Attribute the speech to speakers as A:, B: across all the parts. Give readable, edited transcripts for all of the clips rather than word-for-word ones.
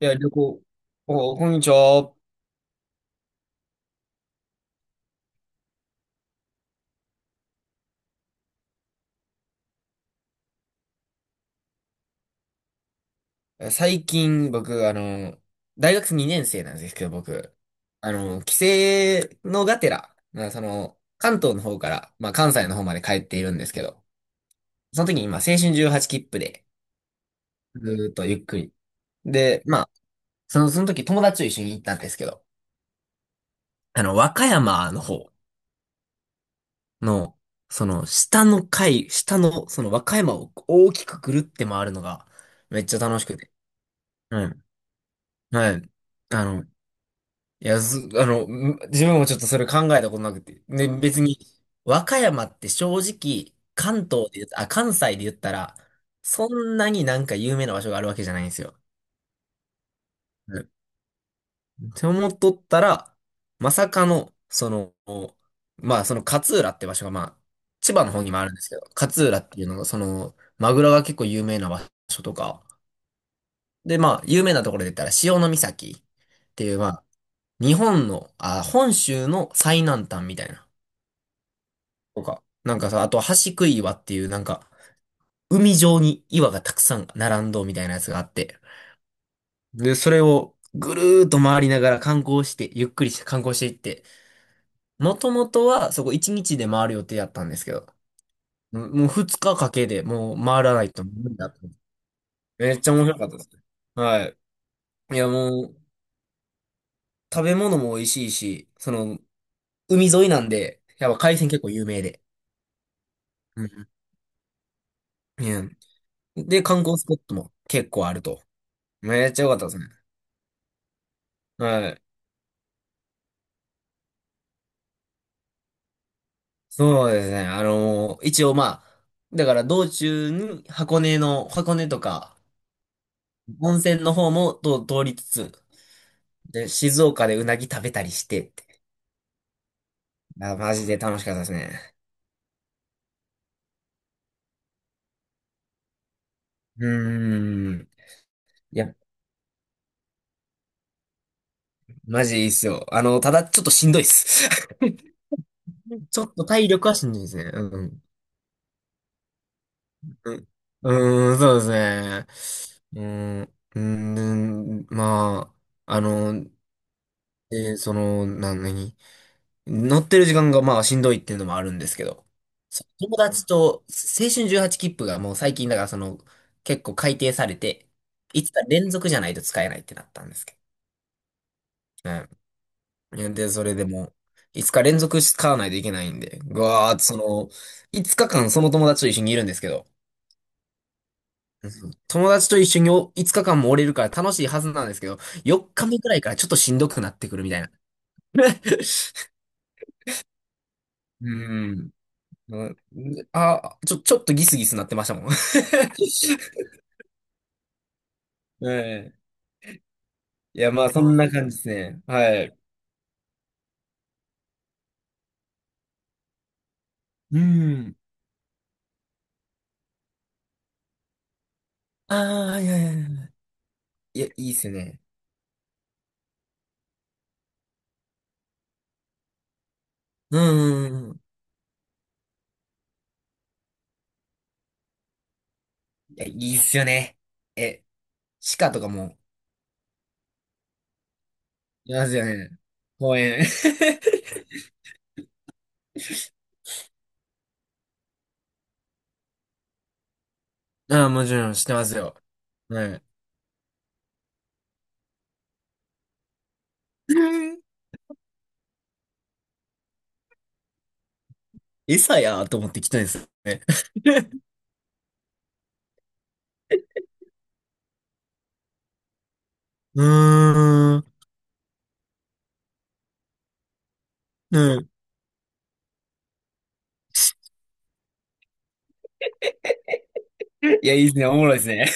A: いや、旅行。お、こんにちは。最近、僕、大学2年生なんですけど、僕、帰省のがてら、まあ、関東の方から、まあ、関西の方まで帰っているんですけど、その時に今、青春18切符で、ずーっとゆっくり。で、まあ、その時友達と一緒に行ったんですけど、和歌山の方の、その、下の階、下の、その和歌山を大きくぐるって回るのが、めっちゃ楽しくて。うん。はい。あの、いや、ず、あの、ん自分もちょっとそれ考えたことなくて。で、別に、和歌山って正直、関東で言うと、あ、関西で言ったら、そんなになんか有名な場所があるわけじゃないんですよ。うんって思っとったら、まさかの、まあ、その勝浦って場所が、まあ、千葉の方にもあるんですけど、勝浦っていうのが、マグロが結構有名な場所とか、で、まあ、有名なところで言ったら、潮岬っていう、まあ、日本の、あ、本州の最南端みたいな、とか。なんかさ、あと、橋杭岩っていう、なんか、海上に岩がたくさん並んどうみたいなやつがあって。で、それをぐるーっと回りながら観光して、ゆっくりして観光していって、もともとはそこ1日で回る予定だったんですけど、ももう2日かかけてもう回らないと無理だと思って。めっちゃ面白かったですね。はい。いや、もう、食べ物も美味しいし、その、海沿いなんで、やっぱ海鮮結構有名で。うん。うんで、観光スポットも結構あると。めっちゃ良かったですね。はい。そうですね。一応まあ、だから道中に箱根とか、温泉の方もと通りつつ、で、静岡でうなぎ食べたりしてって。あ、マジで楽しかったですね。うーん。いや、マジいいっすよ。ただちょっとしんどいっす。ちょっと体力はしんどいですね。うん。うん、うーんそうですね。うーん、うーん、まあ、あの、えーその、な、何乗ってる時間がまあしんどいっていうのもあるんですけど、そう友達と青春18切符がもう最近だからその結構改定されて、5日連続じゃないと使えないってなったんですけど。うん。で、それでも5日連続使わないといけないんで、ぐわーっとその5日間その友達と一緒にいるんですけど、うん友達と一緒に5日間もおれるから楽しいはずなんですけど、4日目くらいからちょっとしんどくなってくるみたいな。うん。うんあ、ちょっとギスギスなってましたもん。はい。いや、まあ、そんな感じですね。はい。うん。ああ、いやいやいや。いや、いいっすよね。うんうんうん。いや、いいっすよね。え、鹿とかも、いますよね。公園。ああ、もちろん、してますよ。はい。うん餌やーと思って来たんですよね。うーん。うん。いや、いいっすね。おもろいっすね。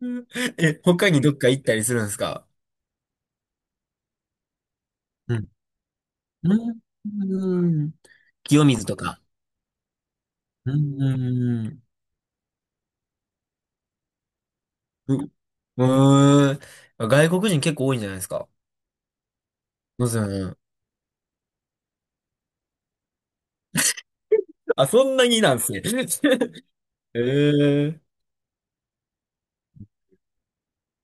A: え、他にどっか行ったりするんですか？うん。清水とか。うん、うん、うん。う、うーん。外国人結構多いんじゃないですか？そうですよね。あ、そんなになんですね。えー、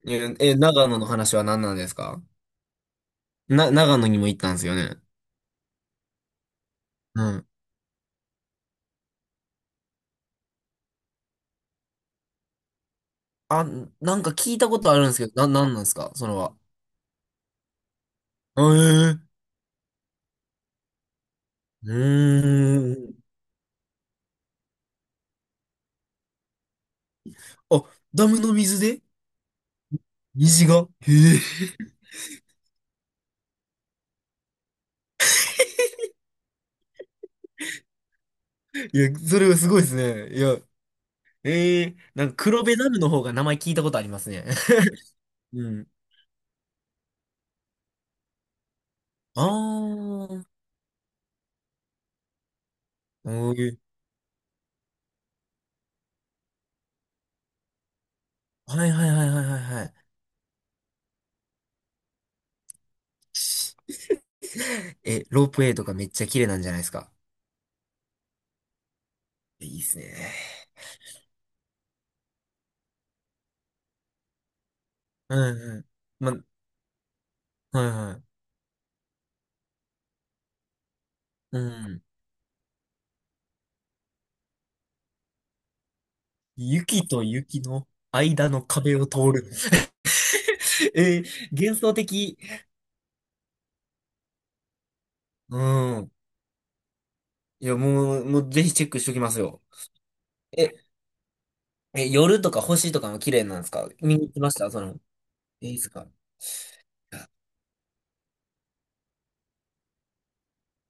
A: え長野の話は何なんですか？な、長野にも行ったんですよね。うん。あ、なんか聞いたことあるんですけど、なんなんですかそれは。えー、うーん。あ、ダムの水で虹がへえ。いや、それはすごいですね。いや、ええなんか黒部ダムの方が名前聞いたことありますね。うん。ああ、おーはいはいはいはいはいはい。しえ、ロープウェイとかめっちゃ綺麗なんじゃないですか？いいっすね。うんうん。ま、はいはい。うん。雪と雪の間の壁を通る。えー、幻想的。うん。いや、もう、もうぜひチェックしときますよ。え、え、夜とか星とかも綺麗なんですか？見に行きましたその、いいですか？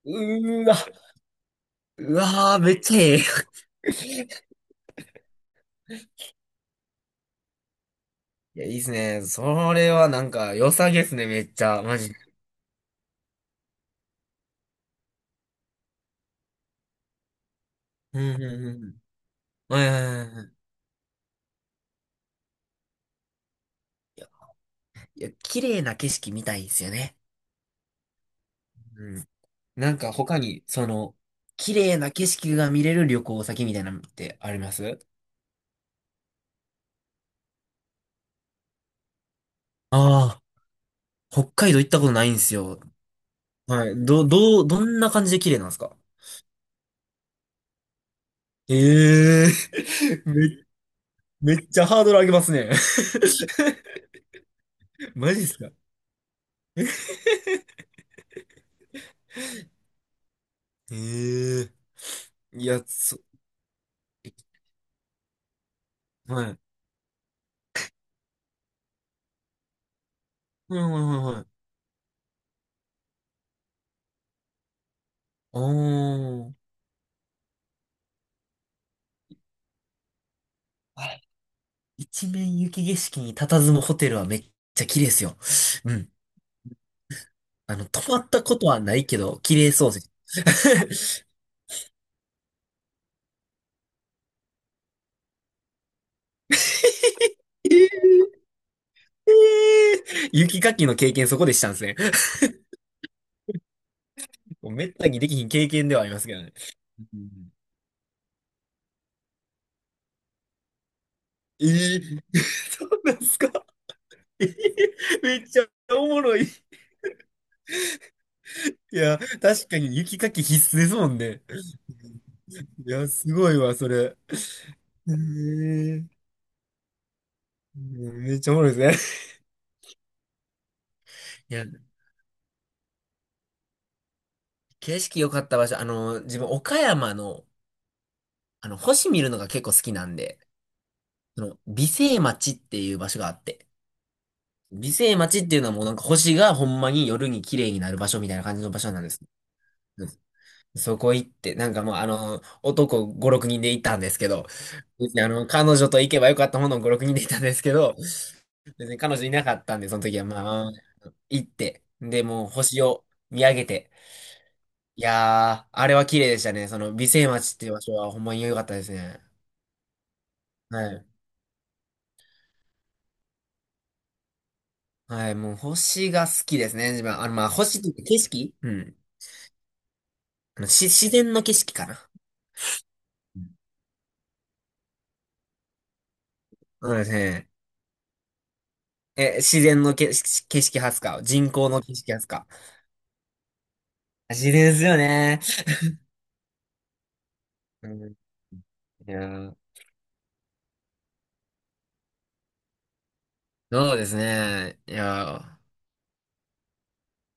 A: うーわうわー、めっちゃええ。いや、いいっすね。それはなんか良さげっすね、めっちゃ。マジで。うん、うん、うん。はいはいはいはい。いや、いや綺麗な景色見たいですよね。うん。なんか他に、その、綺麗な景色が見れる旅行先みたいなのってあります？ああー、北海道行ったことないんですよ。はい。どんな感じで綺麗なんですか？ええー、め、めっちゃハードル上げますね。マジっすか？ええーいや、そ、はい。はいはいはいはい。おー。はい一面雪景色に佇むホテルはめっちゃ綺麗ですよ。うん。あの、泊まったことはないけど、綺麗そうです。えーえー雪かきの経験そこでしたんですね。もうめったにできひん経験ではありますけどね。うんえー、そうなんですか？えーめっちゃおもろい。いや、確かに雪かき必須ですもんね。いや、すごいわ、それ。えー、めっちゃおもろいですね。いや、景色良かった場所、自分、岡山の、星見るのが結構好きなんで、その、美星町っていう場所があって、美星町っていうのはもうなんか星がほんまに夜に綺麗になる場所みたいな感じの場所なんです。うんそこ行って、なんかもうあの、男5、6人で行ったんですけど、別にあの、彼女と行けばよかったものを5、6人で行ったんですけど、別に彼女いなかったんで、その時はまあ、行って、で、もう星を見上げて、いやー、あれは綺麗でしたね。その、美星町っていう場所はほんまに良かったですね。はい。はい、もう星が好きですね、自分。あの、まあ、星っていうか景色うん。あのし、自然の景色かな。うんそうですね。え、自然の景色派っすか？人工の景色派っすか？自然ですよね。うん。いやー、そうですね。いやー。